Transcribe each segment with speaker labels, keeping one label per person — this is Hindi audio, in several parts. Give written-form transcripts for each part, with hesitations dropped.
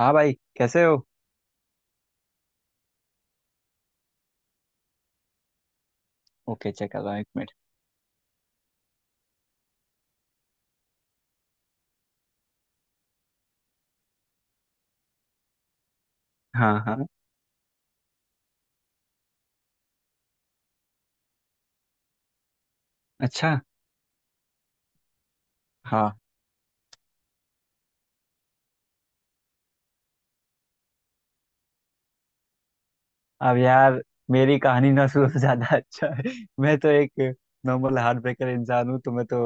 Speaker 1: हाँ भाई कैसे हो। ओके, चेक कर रहा हूँ, 1 मिनट। हाँ हाँ। अच्छा। हाँ। अब यार मेरी कहानी ना सुनो तो ज्यादा अच्छा है। मैं तो एक नॉर्मल हार्ट ब्रेकर इंसान हूँ तो मैं तो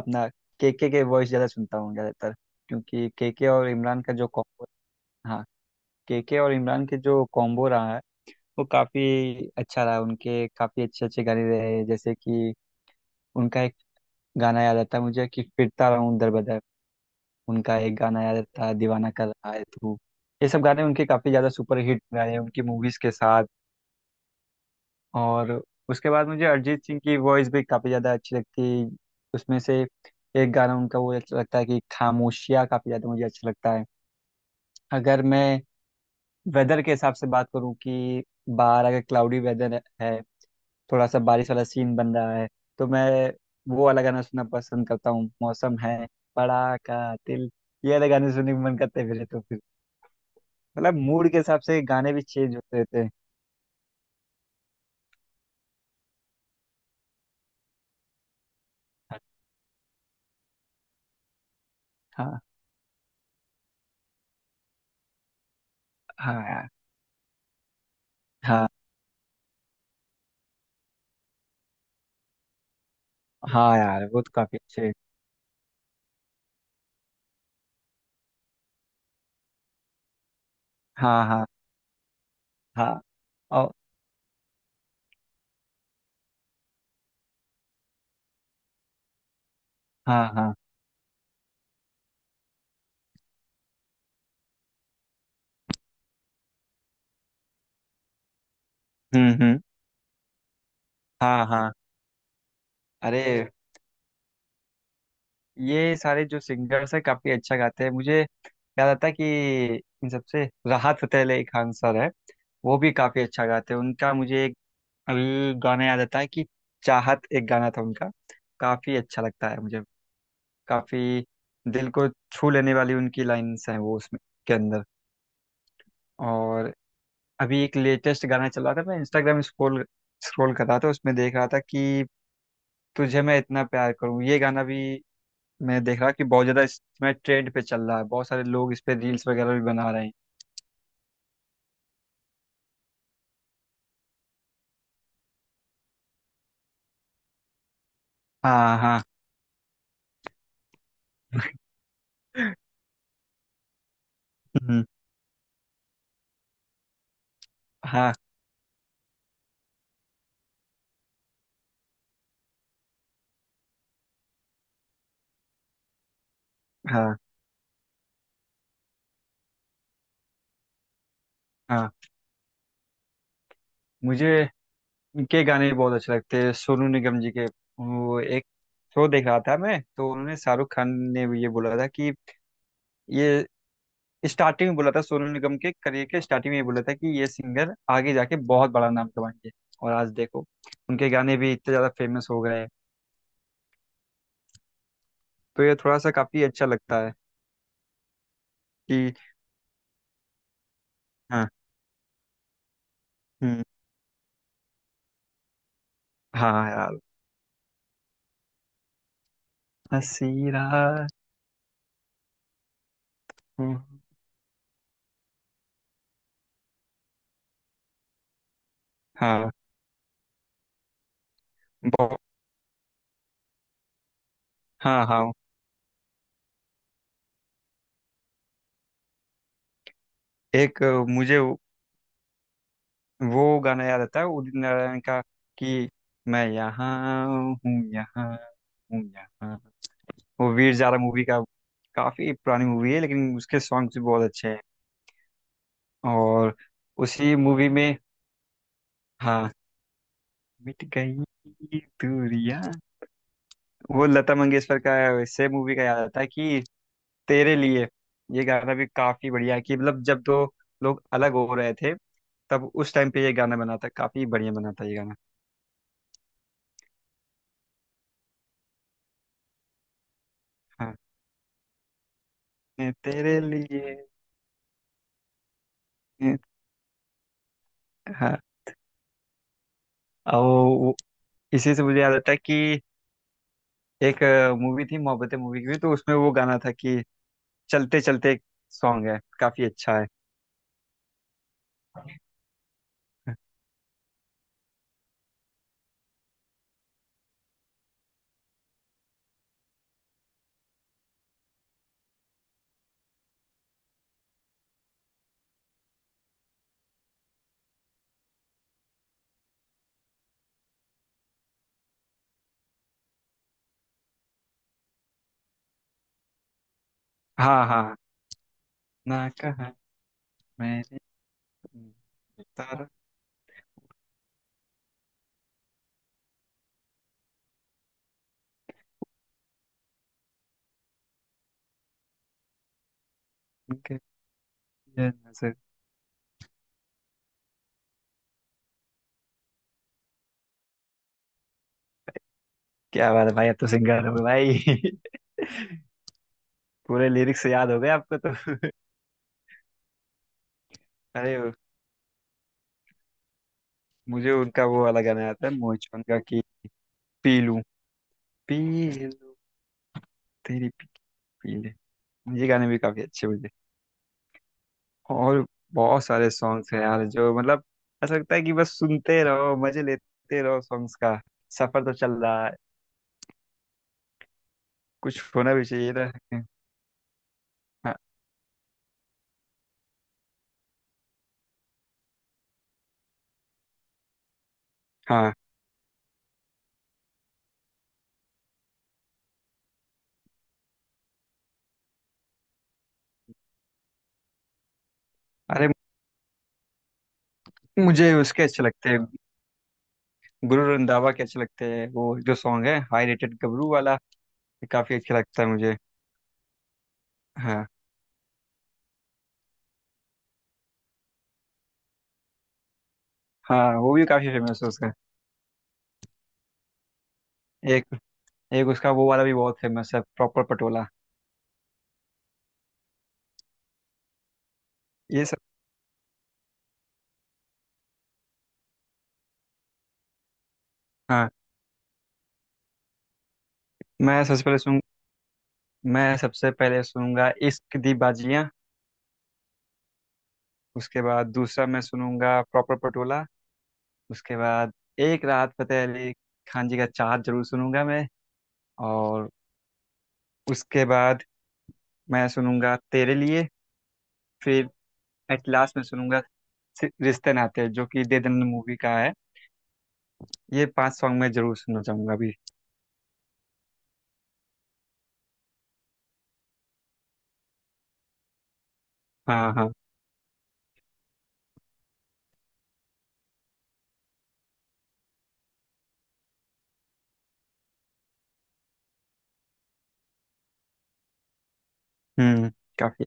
Speaker 1: अपना केके के वॉइस ज्यादा सुनता हूँ ज्यादातर, क्योंकि केके और इमरान का जो कॉम्बो। हाँ, केके और इमरान के जो कॉम्बो रहा है वो काफी अच्छा रहा। उनके काफी अच्छे अच्छे गाने रहे, जैसे कि उनका एक गाना याद आता है मुझे कि फिरता रहूं दर बदर। उनका एक गाना आया था, दीवाना कर रहा है तू। ये सब गाने उनके काफ़ी ज़्यादा सुपर हिट गाए हैं उनकी मूवीज़ के साथ। और उसके बाद मुझे अरिजीत सिंह की वॉइस भी काफ़ी ज़्यादा अच्छी लगती है। उसमें से एक गाना उनका वो अच्छा लगता है कि खामोशियाँ, काफ़ी ज़्यादा मुझे अच्छा लगता है। अगर मैं वेदर के हिसाब से बात करूँ कि बाहर अगर क्लाउडी वेदर है, थोड़ा सा बारिश वाला सीन बन रहा है, तो मैं वो वाला गाना सुनना पसंद करता हूँ, मौसम है बड़ा का दिल। ये वाले गाने सुनने का मन करता है मेरे तो। मतलब मूड के हिसाब से गाने भी चेंज होते रहते हैं। हाँ। हाँ यार। हाँ हाँ यार, वो तो काफी अच्छे। हाँ हाँ। हाँ। और हाँ हाँ। हम्म। हाँ हाँ। अरे ये सारे जो सिंगर्स हैं काफी अच्छा गाते हैं। मुझे याद आता है कि इन सबसे राहत फतेह अली खान सर है, वो भी काफी अच्छा गाते हैं। उनका मुझे एक अभी गाना याद आता है कि चाहत, एक गाना था उनका, काफी अच्छा लगता है मुझे। काफी दिल को छू लेने वाली उनकी लाइंस हैं वो उसमें के अंदर। और अभी एक लेटेस्ट गाना चला था, मैं इंस्टाग्राम स्क्रॉल स्क्रॉल कर रहा था, उसमें देख रहा था कि तुझे मैं इतना प्यार करूं, ये गाना भी मैं देख रहा कि बहुत ज़्यादा इसमें ट्रेंड पे चल रहा है, बहुत सारे लोग इस पे रील्स वगैरह भी बना रहे हैं। हाँ हाँ। हम्म, हाँ हाँ। हाँ। मुझे इनके गाने भी बहुत अच्छे लगते हैं, सोनू निगम जी के। वो एक शो देख रहा था मैं तो उन्होंने शाहरुख खान ने भी ये बोला था कि ये स्टार्टिंग में बोला था सोनू निगम के करियर के स्टार्टिंग में, ये बोला था कि ये सिंगर आगे जाके बहुत बड़ा नाम कमाएंगे। और आज देखो उनके गाने भी इतने ज्यादा फेमस हो गए हैं। तो ये थोड़ा सा काफी अच्छा लगता है कि। हाँ। हम्म, हाँ यार, हंसी रहा हूँ। हाँ। बहुत। हाँ हाँ। एक मुझे वो गाना याद आता है उदित नारायण का कि मैं यहाँ हूँ, यहाँ हूँ, यहाँ। वो वीर जारा मूवी का, काफी पुरानी मूवी है लेकिन उसके सॉन्ग्स भी बहुत अच्छे हैं। और उसी मूवी में हाँ, मिट गई दूरियां। वो लता मंगेशकर का से मूवी का याद आता है कि तेरे लिए, ये गाना भी काफी बढ़िया है कि मतलब जब दो लोग अलग हो रहे थे तब उस टाइम पे ये गाना बना था, काफी बढ़िया बना था ये गाना। हाँ, "मैं तेरे लिए, मैं।" हाँ, और वो इसी से मुझे याद आता है कि एक मूवी थी मोहब्बतें मूवी की भी, तो उसमें वो गाना था कि चलते चलते, सॉन्ग है, काफी अच्छा है। हाँ हाँ। ना कहा। तारक। कहती है नजर। क्या बात है भाई, अब तो सिंगर हो गए भाई पूरे लिरिक्स याद हो गए आपको तो अरे मुझे उनका वो वाला गाना आता है मोहित चौहान का कि पी लूं, पी लूं तेरी, पी पी ले। ये गाने भी काफी अच्छे मुझे। और बहुत सारे सॉन्ग्स हैं यार जो मतलब ऐसा लगता है कि बस सुनते रहो, मजे लेते रहो सॉन्ग्स का। सफर तो चल रहा है, कुछ होना भी चाहिए ना। हाँ हाँ। अरे मुझे उसके अच्छे लगते हैं, गुरु रंधावा के अच्छे लगते हैं। वो जो सॉन्ग है हाई रेटेड गबरू वाला, ये काफी अच्छा लगता है मुझे। हाँ। हाँ वो भी काफी फेमस है उसका। एक एक उसका वो वाला भी बहुत फेमस है, प्रॉपर पटोला। ये सब। हाँ। मैं सबसे पहले सुन मैं सबसे पहले सुनूंगा इश्क दी बाजियां। उसके बाद दूसरा मैं सुनूंगा प्रॉपर पटोला। उसके बाद एक राहत फतेह अली खान जी का चाहत जरूर सुनूंगा मैं। और उसके बाद मैं सुनूंगा तेरे लिए। फिर एट लास्ट में सुनूंगा रिश्ते नाते हैं, जो कि दे दन मूवी का है। ये 5 सॉन्ग मैं जरूर सुनना चाहूंगा अभी। हाँ हाँ। हम्म। काफी।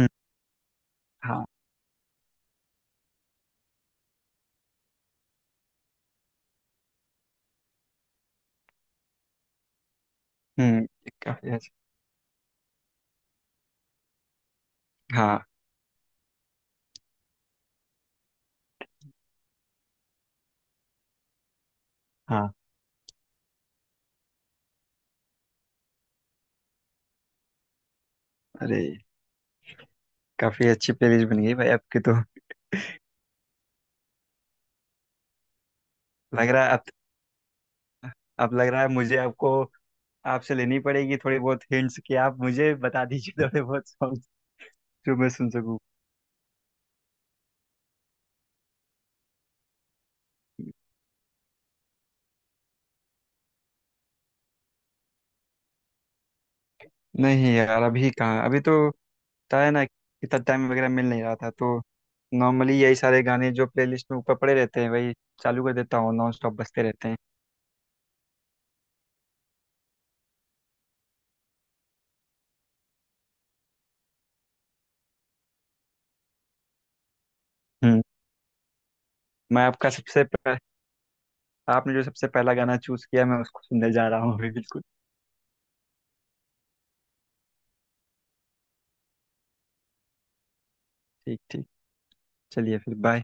Speaker 1: हम्म, हाँ। हम्म। काफी अच्छा। हाँ हाँ। अरे काफी अच्छी प्लेलिस्ट बन गई भाई आपकी तो। लग रहा है अब लग रहा है मुझे आपको, आपसे लेनी पड़ेगी थोड़ी बहुत हिंट्स कि आप मुझे बता दीजिए थोड़े बहुत सॉन्ग जो मैं सुन सकूं। नहीं यार, अभी कहाँ, अभी तो था है ना, इतना टाइम वगैरह मिल नहीं रहा था तो नॉर्मली यही सारे गाने जो प्लेलिस्ट में ऊपर पड़े रहते हैं वही चालू कर देता हूँ, नॉन स्टॉप बजते रहते हैं। हम्म। मैं आपका सबसे पह, आपने जो सबसे पहला गाना चूज किया मैं उसको सुनने जा रहा हूँ अभी, बिल्कुल। ठीक ठीक। चलिए फिर, बाय।